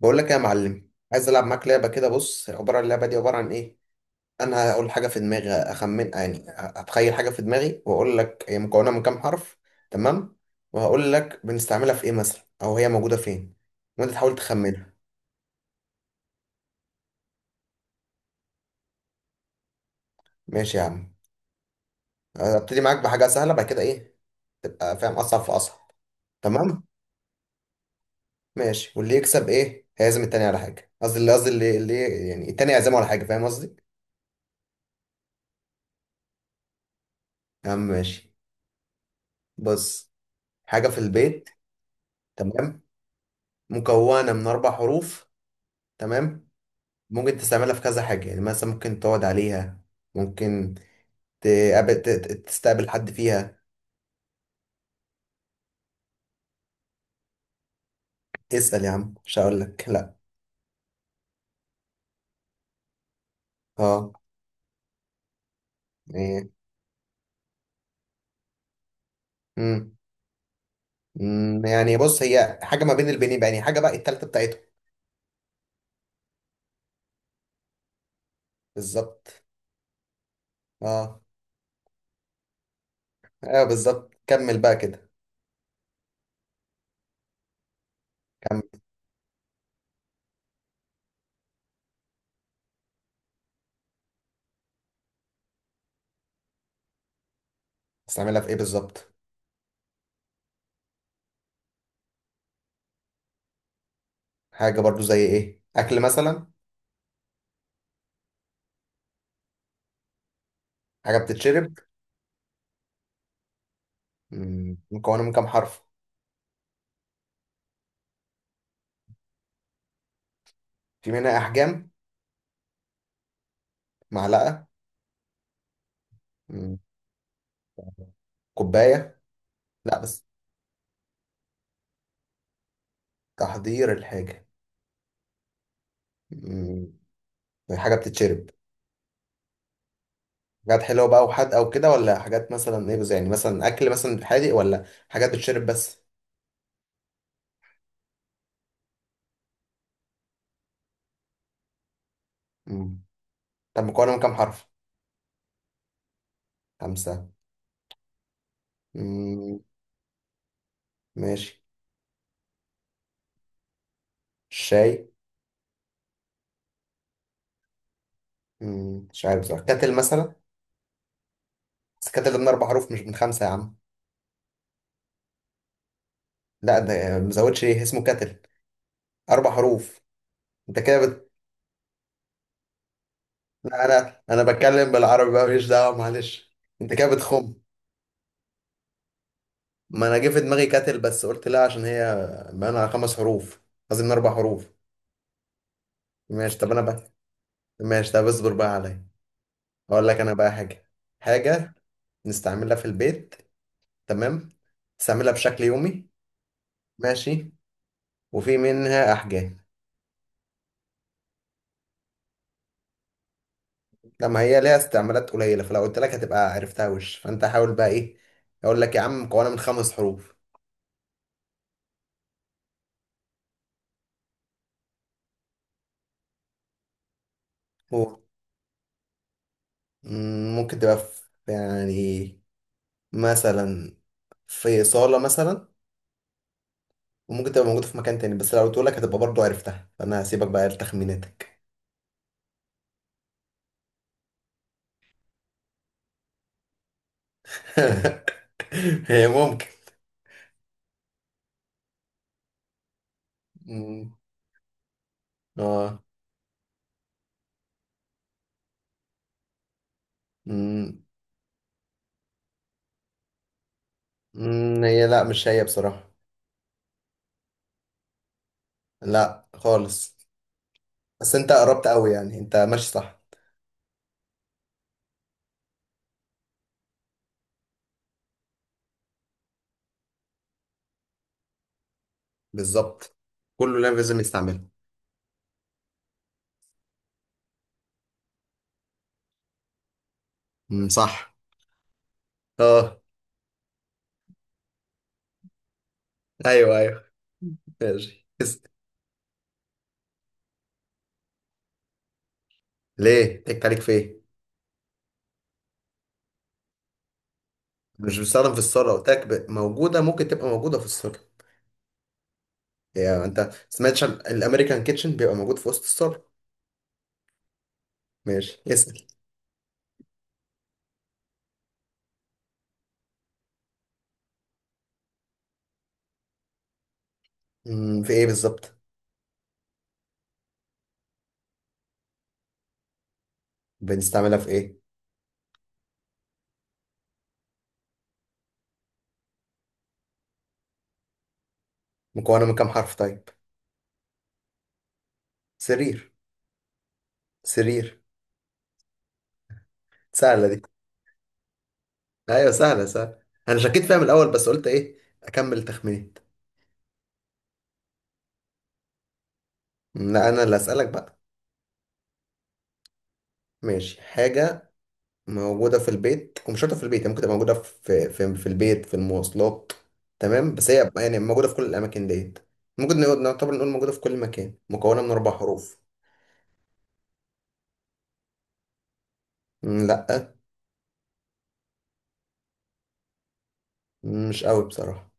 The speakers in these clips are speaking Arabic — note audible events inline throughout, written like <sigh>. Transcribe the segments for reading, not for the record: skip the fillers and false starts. بقول لك إيه يا معلم، عايز العب معاك لعبه كده. بص، عباره اللعبه دي عباره عن ايه؟ انا هقول حاجه في دماغي، اخمن يعني اتخيل حاجه في دماغي، واقول لك هي مكونه من كام حرف. تمام. وهقول لك بنستعملها في ايه مثلا او هي موجوده فين. وانت تحاول تخمنها. ماشي يا عم. ابتدي معاك بحاجه سهله، بعد كده ايه تبقى فاهم، اصعب في اصعب. تمام. ماشي، واللي يكسب ايه؟ هيعزم التاني على حاجه. قصدي اللي يعني التاني يعزمه على حاجه، فاهم قصدي؟ يا عم ماشي. بص، حاجه في البيت. تمام. مكونة من أربع حروف. تمام. ممكن تستعملها في كذا حاجة، يعني مثلا ممكن تقعد عليها. ممكن تقابل تستقبل حد فيها. اسأل يا عم، مش هقول لك لا. اه، إيه. مم. مم. يعني بص، هي حاجة ما بين البنين بقى، يعني حاجة بقى التالتة بتاعتهم. بالظبط. اه، ايوه بالظبط، كمل بقى كده. كمل. تستعملها في ايه بالظبط؟ حاجة برضو زي ايه؟ أكل مثلا؟ حاجة بتتشرب. مم. مكونة من كام حرف؟ في منها أحجام. معلقة. مم. كوباية. لا، بس. تحضير الحاجة؟ مم، حاجة بتتشرب. حاجات حلوة بقى وحادقة وكده، ولا حاجات مثلا ايه، يعني مثلا أكل مثلا حادق، ولا حاجات بتتشرب بس؟ مم. طب مكونة من كام حرف؟ خمسة. مم. ماشي. الشاي. مم. مش عارف بصراحة، كاتل مثلا. بس كاتل ده من أربع حروف مش من خمسة يا عم. لا ده مزودش. ايه اسمه؟ كاتل. أربع حروف. أنت كده بت... لا، أنا بتكلم بالعربي بقى، ماليش دعوة. معلش أنت كده بتخم. ما انا جه في دماغي كاتل، بس قلت لا عشان هي بقى على خمس حروف. قصدي من اربع حروف. ماشي، طب انا بقى. ماشي، طب اصبر بقى عليا. اقول لك انا بقى حاجه. حاجه نستعملها في البيت. تمام. نستعملها بشكل يومي. ماشي. وفي منها احجام. لما هي ليها استعمالات قليله، فلو قلت لك هتبقى عرفتها وش، فانت حاول بقى ايه. اقول لك يا عم، مكونه من خمس حروف. و- مم، ممكن تبقى في، يعني مثلا في صاله مثلا. وممكن تبقى موجودة في مكان تاني، بس لو قلت لك هتبقى برضو عرفتها، فأنا هسيبك بقى لتخميناتك. <laughs> هي ممكن. مم. اه. مم. مم. هي لا، مش هي بصراحة. لا خالص. بس انت قربت قوي، يعني انت ماشي صح. بالظبط. كله لا لازم يستعمله. مم. صح. اه. ايوه ايوه. ماشي ليه؟ تك عليك في ايه؟ مش بتستخدم في الصالة، قلت لك موجودة، ممكن تبقى موجودة في الصالة. يعني انت سمعتش عن الامريكان كيتشن، بيبقى موجود في وسط الصالة. ماشي اسأل. في ايه بالظبط؟ بنستعملها في ايه؟ مكونه من كام حرف طيب؟ سرير. سرير. سهله دي. ايوه سهله سهله. انا شكيت فيها من الاول، بس قلت ايه اكمل تخمينات. لا انا اللي اسالك بقى. ماشي، حاجه موجوده في البيت، ومش شرط في البيت، هي ممكن تبقى موجوده في البيت، في المواصلات. تمام، بس هي يعني موجوده في كل الاماكن ديت. ممكن نقول، نعتبر نقول موجوده في كل مكان، مكونه من اربع حروف. مم، لا. مش قوي بصراحه.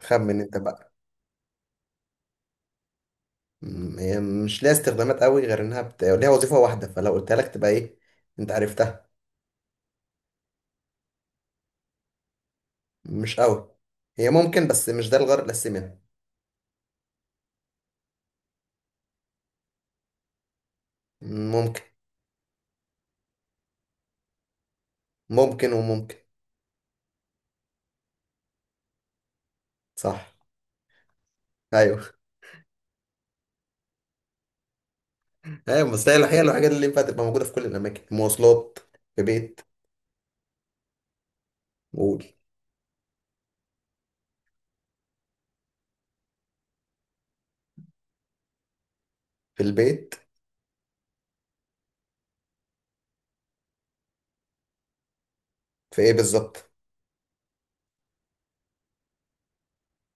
خمن انت بقى. هي مش ليها استخدامات قوي، غير انها بت... ليها وظيفة واحدة، فلو قلتها لك تبقى ايه، انت عرفتها. مش قوي. هي ممكن، بس مش ده الغرض الاساسي منها. ممكن. ممكن وممكن. صح. ايوه ايوه. بس هي الحقيقة الحاجات اللي ينفع تبقى موجودة في كل الاماكن، مواصلات، في بيت. قول. في البيت. في ايه بالظبط؟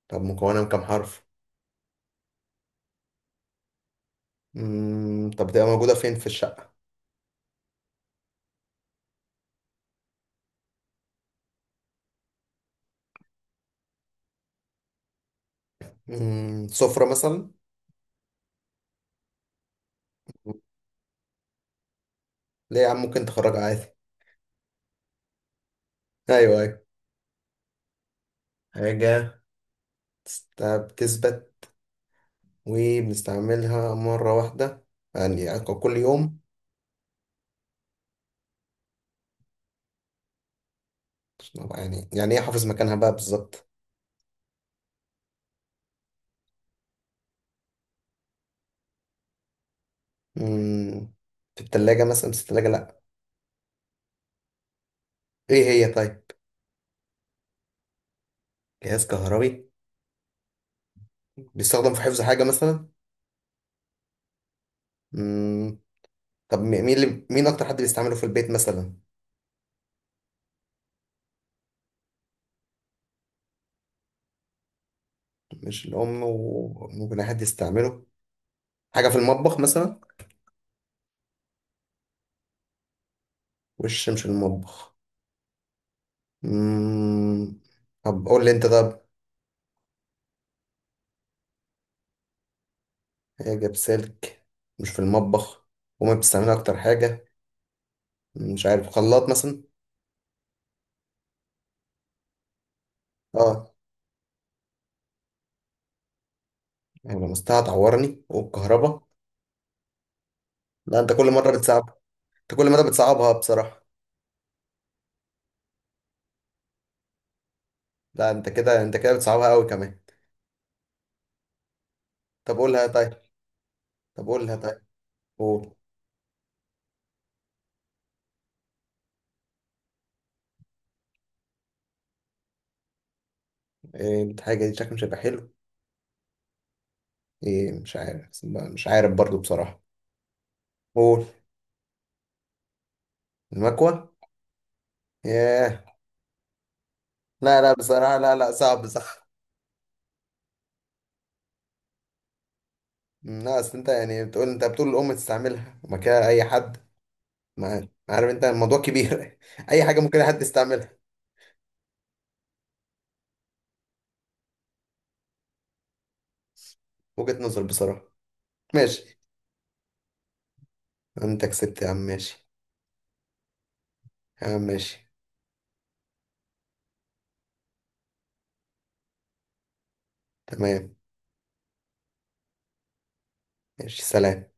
طب مكونة من كام حرف؟ طب تبقى موجودة فين في الشقة؟ سفرة مثلا. ليه يا عم؟ ممكن تخرجها عادي. ايوه ايوه. حاجة. طب تثبت وبنستعملها مرة واحدة، يعني يعني كل يوم. عشان أبقى يعني يعني ايه حافظ مكانها بقى بالظبط. مم، في التلاجة مثلا، بس التلاجة لأ. ايه هي طيب؟ جهاز كهربي. بيستخدم في حفظ حاجة مثلا؟ مم، طب مين أكتر حد بيستعمله في البيت مثلا؟ مش الأم، وممكن أي حد يستعمله. حاجة في المطبخ مثلا؟ وش مش المطبخ. مم، طب قول لي أنت طب. حاجة بسلك، مش في المطبخ، وما بتستعملها أكتر حاجة. مش عارف، خلاط مثلا. اه. يعني لمستها هتعورني، والكهرباء. لا انت كل مره بتصعب. انت كل مره بتصعبها بصراحه. لا انت كده بتصعبها قوي كمان. طب قولها طيب. طب قولها طيب. قول. إيه الحاجه دي شكلها مش هيبقى حلو؟ ايه، مش عارف برضو بصراحه. قول. المكوه. ياه. لا لا بصراحه، لا لا صعب. صح. لا اصل انت يعني بتقول، انت بتقول الام تستعملها، وما كده اي حد. ما عارف، انت الموضوع كبير. <laughs> اي حاجه، ممكن اي حد يستعملها. وجهه نظر بصراحه. ماشي. انت كسبت يا عم ماشي. يا عم ماشي. تمام. ماشي سلام.